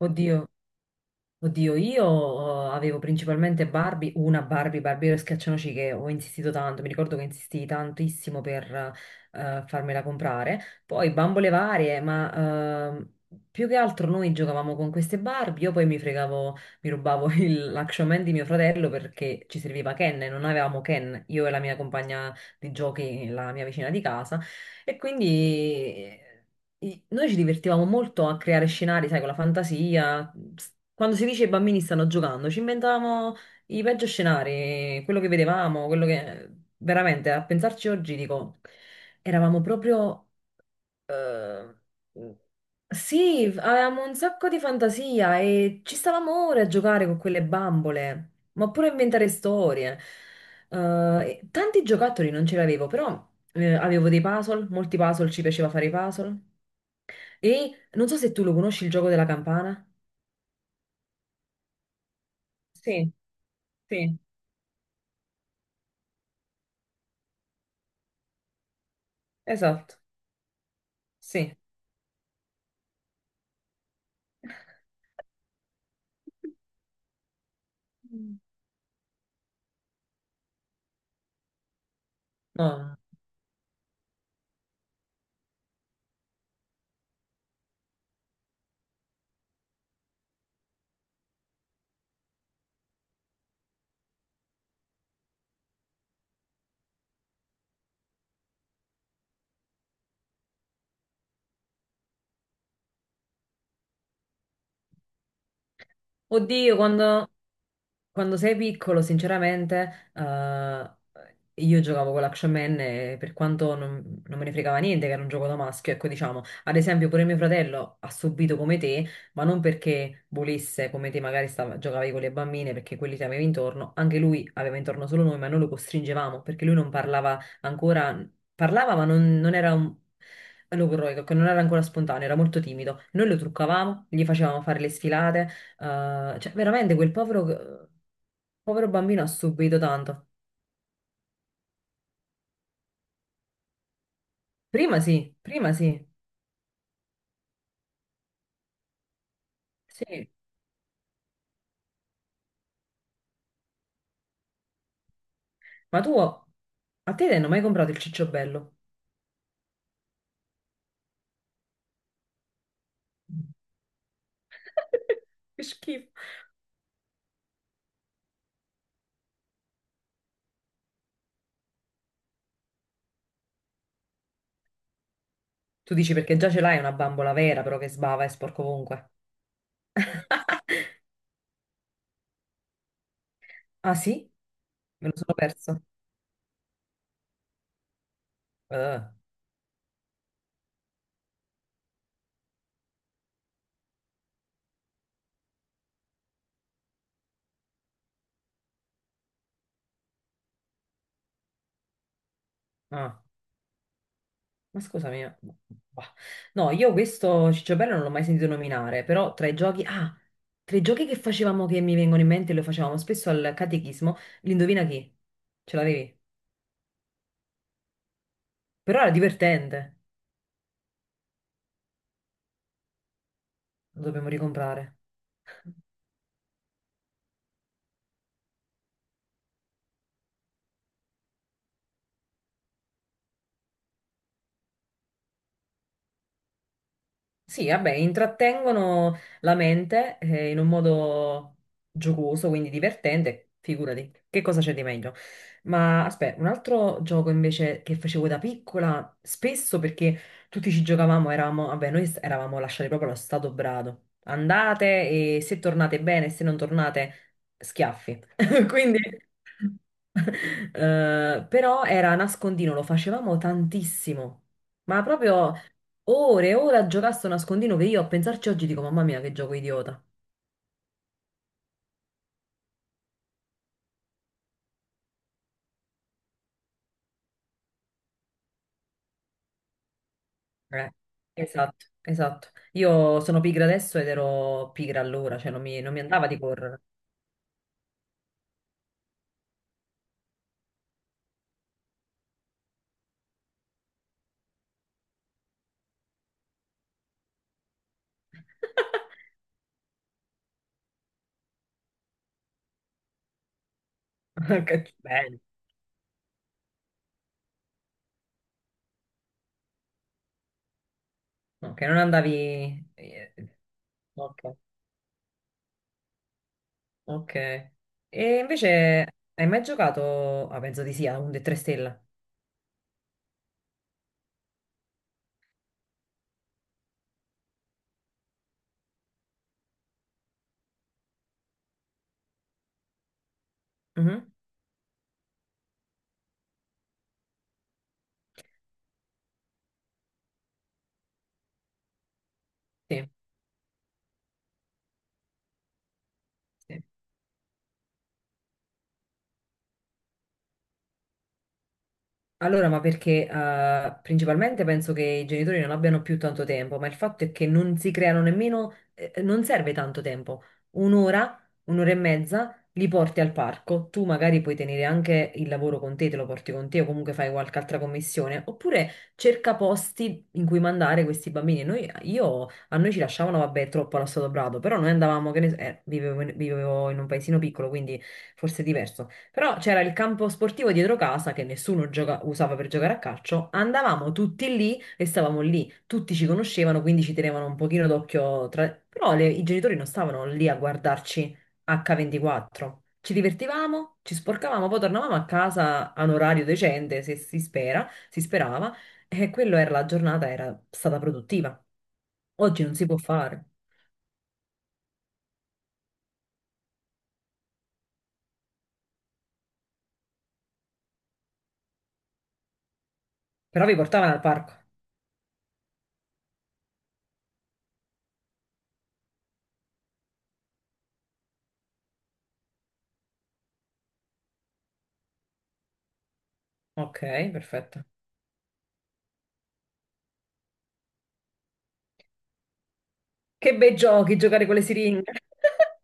Oddio, oddio, io avevo principalmente Barbie, una Barbie, Barbie e Schiaccianoci che ho insistito tanto, mi ricordo che insistii tantissimo per farmela comprare, poi bambole varie, ma più che altro noi giocavamo con queste Barbie, io poi mi fregavo, mi rubavo l'Action Man di mio fratello perché ci serviva Ken e non avevamo Ken, io e la mia compagna di giochi, la mia vicina di casa, e quindi. Noi ci divertivamo molto a creare scenari, sai, con la fantasia. Quando si dice i bambini stanno giocando, ci inventavamo i peggio scenari, quello che vedevamo, quello che veramente a pensarci oggi dico, eravamo proprio eh, sì, avevamo un sacco di fantasia e ci stavamo ore a giocare con quelle bambole, ma pure a inventare storie. Eh, e tanti giocattoli non ce li avevo, però avevo dei puzzle, molti puzzle, ci piaceva fare i puzzle. E non so se tu lo conosci il gioco della campana. Sì, sì, esatto, sì. Mm. No. Oddio, quando. Quando sei piccolo, sinceramente, io giocavo con l'Action Man e per quanto non me ne fregava niente che era un gioco da maschio, ecco, diciamo, ad esempio pure mio fratello ha subito come te, ma non perché volesse, come te magari giocavi con le bambine, perché quelli ti avevi intorno, anche lui aveva intorno solo noi, ma noi lo costringevamo, perché lui non parlava ancora, parlava ma non era un. Logorroico, che non era ancora spontaneo, era molto timido. Noi lo truccavamo, gli facevamo fare le sfilate, cioè, veramente quel povero, povero bambino ha subito tanto. Prima sì, sì. Ma tu, a te ti hanno mai comprato il cicciobello? Che schifo. Tu dici perché già ce l'hai una bambola vera, però che sbava e sporco ovunque. Ah sì? Me lo sono perso. Eh, ah. Ma scusami, bah. No, io questo Cicciobello non l'ho mai sentito nominare, però tra i giochi, tra i giochi che facevamo che mi vengono in mente, lo facevamo spesso al catechismo, l'indovina chi? Ce l'avevi? Però era divertente, lo dobbiamo ricomprare. Sì, vabbè, intrattengono la mente in un modo giocoso, quindi divertente, figurati, che cosa c'è di meglio? Ma aspetta, un altro gioco invece che facevo da piccola, spesso perché tutti ci giocavamo, eravamo, vabbè, eravamo lasciati proprio allo stato brado. Andate e se tornate bene, se non tornate, schiaffi. Quindi, però era nascondino, lo facevamo tantissimo, ma proprio. Ore e ore a giocasse a nascondino che io a pensarci oggi dico, mamma mia, che gioco idiota. Eh, esatto, esatto. Io sono pigra adesso ed ero pigra allora, cioè non mi andava di correre. Che bene. Ok, non andavi. Ok, ok. E invece hai mai giocato. Ah, penso di sì, a un 3 stella. Mhm, sì, sì. Allora, ma perché principalmente penso che i genitori non abbiano più tanto tempo, ma il fatto è che non si creano nemmeno, non serve tanto tempo. Un'ora, un'ora e mezza li porti al parco, tu magari puoi tenere anche il lavoro con te, te lo porti con te o comunque fai qualche altra commissione, oppure cerca posti in cui mandare questi bambini. Noi, io, a noi ci lasciavano, vabbè, troppo allo Stato Brado, però noi andavamo, che ne so- vivevo in un paesino piccolo, quindi forse è diverso. Però c'era il campo sportivo dietro casa che nessuno usava per giocare a calcio. Andavamo tutti lì e stavamo lì. Tutti ci conoscevano, quindi ci tenevano un pochino d'occhio tra. Però i genitori non stavano lì a guardarci H24. Ci divertivamo, ci sporcavamo, poi tornavamo a casa a un orario decente, se si spera, si sperava, e quello era la giornata, era stata produttiva. Oggi non si può fare. Però vi portavano al parco. Ok, perfetto. Che bei giochi, giocare con le siringhe.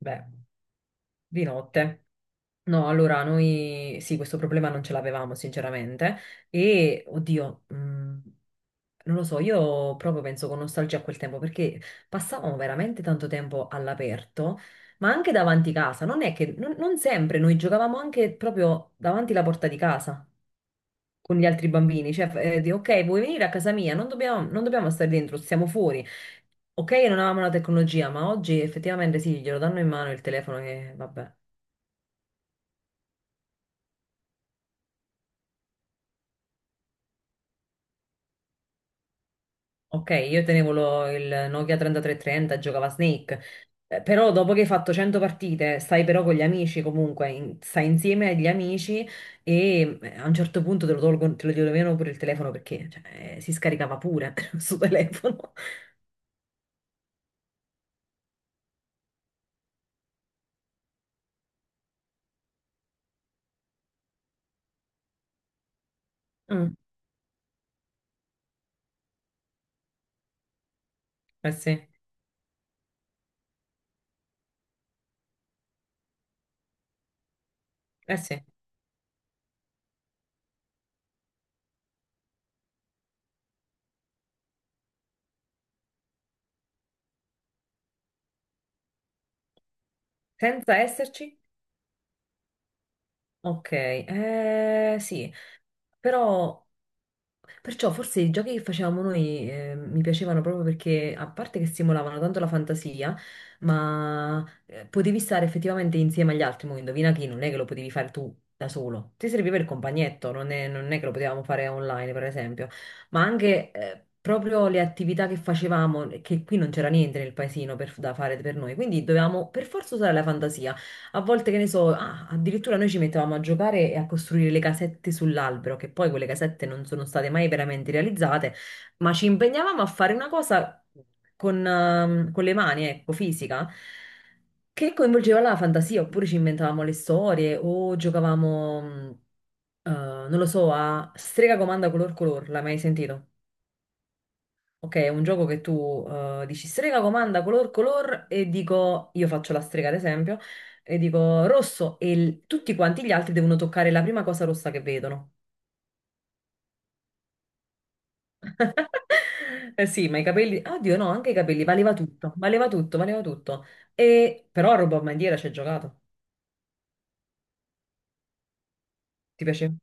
Beh, di notte. No, allora noi sì, questo problema non ce l'avevamo sinceramente e oddio, non lo so, io proprio penso con nostalgia a quel tempo perché passavamo veramente tanto tempo all'aperto, ma anche davanti casa, non è che non sempre noi giocavamo anche proprio davanti la porta di casa. Con gli altri bambini, cioè di ok, vuoi venire a casa mia? Non dobbiamo, non dobbiamo stare dentro, stiamo fuori. Ok, non avevamo la tecnologia, ma oggi effettivamente sì, glielo danno in mano il telefono e vabbè. Ok, io tenevo il Nokia 3330, giocava a Snake. Però dopo che hai fatto 100 partite, stai però con gli amici comunque, in- stai insieme agli amici e a un certo punto te lo tolgono, te lo togliono pure il telefono perché cioè, si scaricava pure sul telefono. Mm, eh sì, eh sì. Senza esserci. Ok, sì, però perciò forse i giochi che facevamo noi mi piacevano proprio perché a parte che stimolavano tanto la fantasia, ma potevi stare effettivamente insieme agli altri, mo indovina chi, non è che lo potevi fare tu da solo, ti serviva il compagnetto, non è che lo potevamo fare online per esempio, ma anche proprio le attività che facevamo, che qui non c'era niente nel paesino da fare per noi, quindi dovevamo per forza usare la fantasia. A volte, che ne so, ah, addirittura noi ci mettevamo a giocare e a costruire le casette sull'albero, che poi quelle casette non sono state mai veramente realizzate, ma ci impegnavamo a fare una cosa con le mani, ecco, fisica, che coinvolgeva la fantasia, oppure ci inventavamo le storie o giocavamo, non lo so, a strega comanda color color, l'hai mai sentito? Ok, è un gioco che tu dici strega comanda color color e dico, io faccio la strega ad esempio, e dico rosso e tutti quanti gli altri devono toccare la prima cosa rossa che vedono. Eh sì, ma i capelli, oddio no, anche i capelli, valeva tutto, valeva tutto, valeva tutto. E però a ruba bandiera ci hai giocato, ti piace?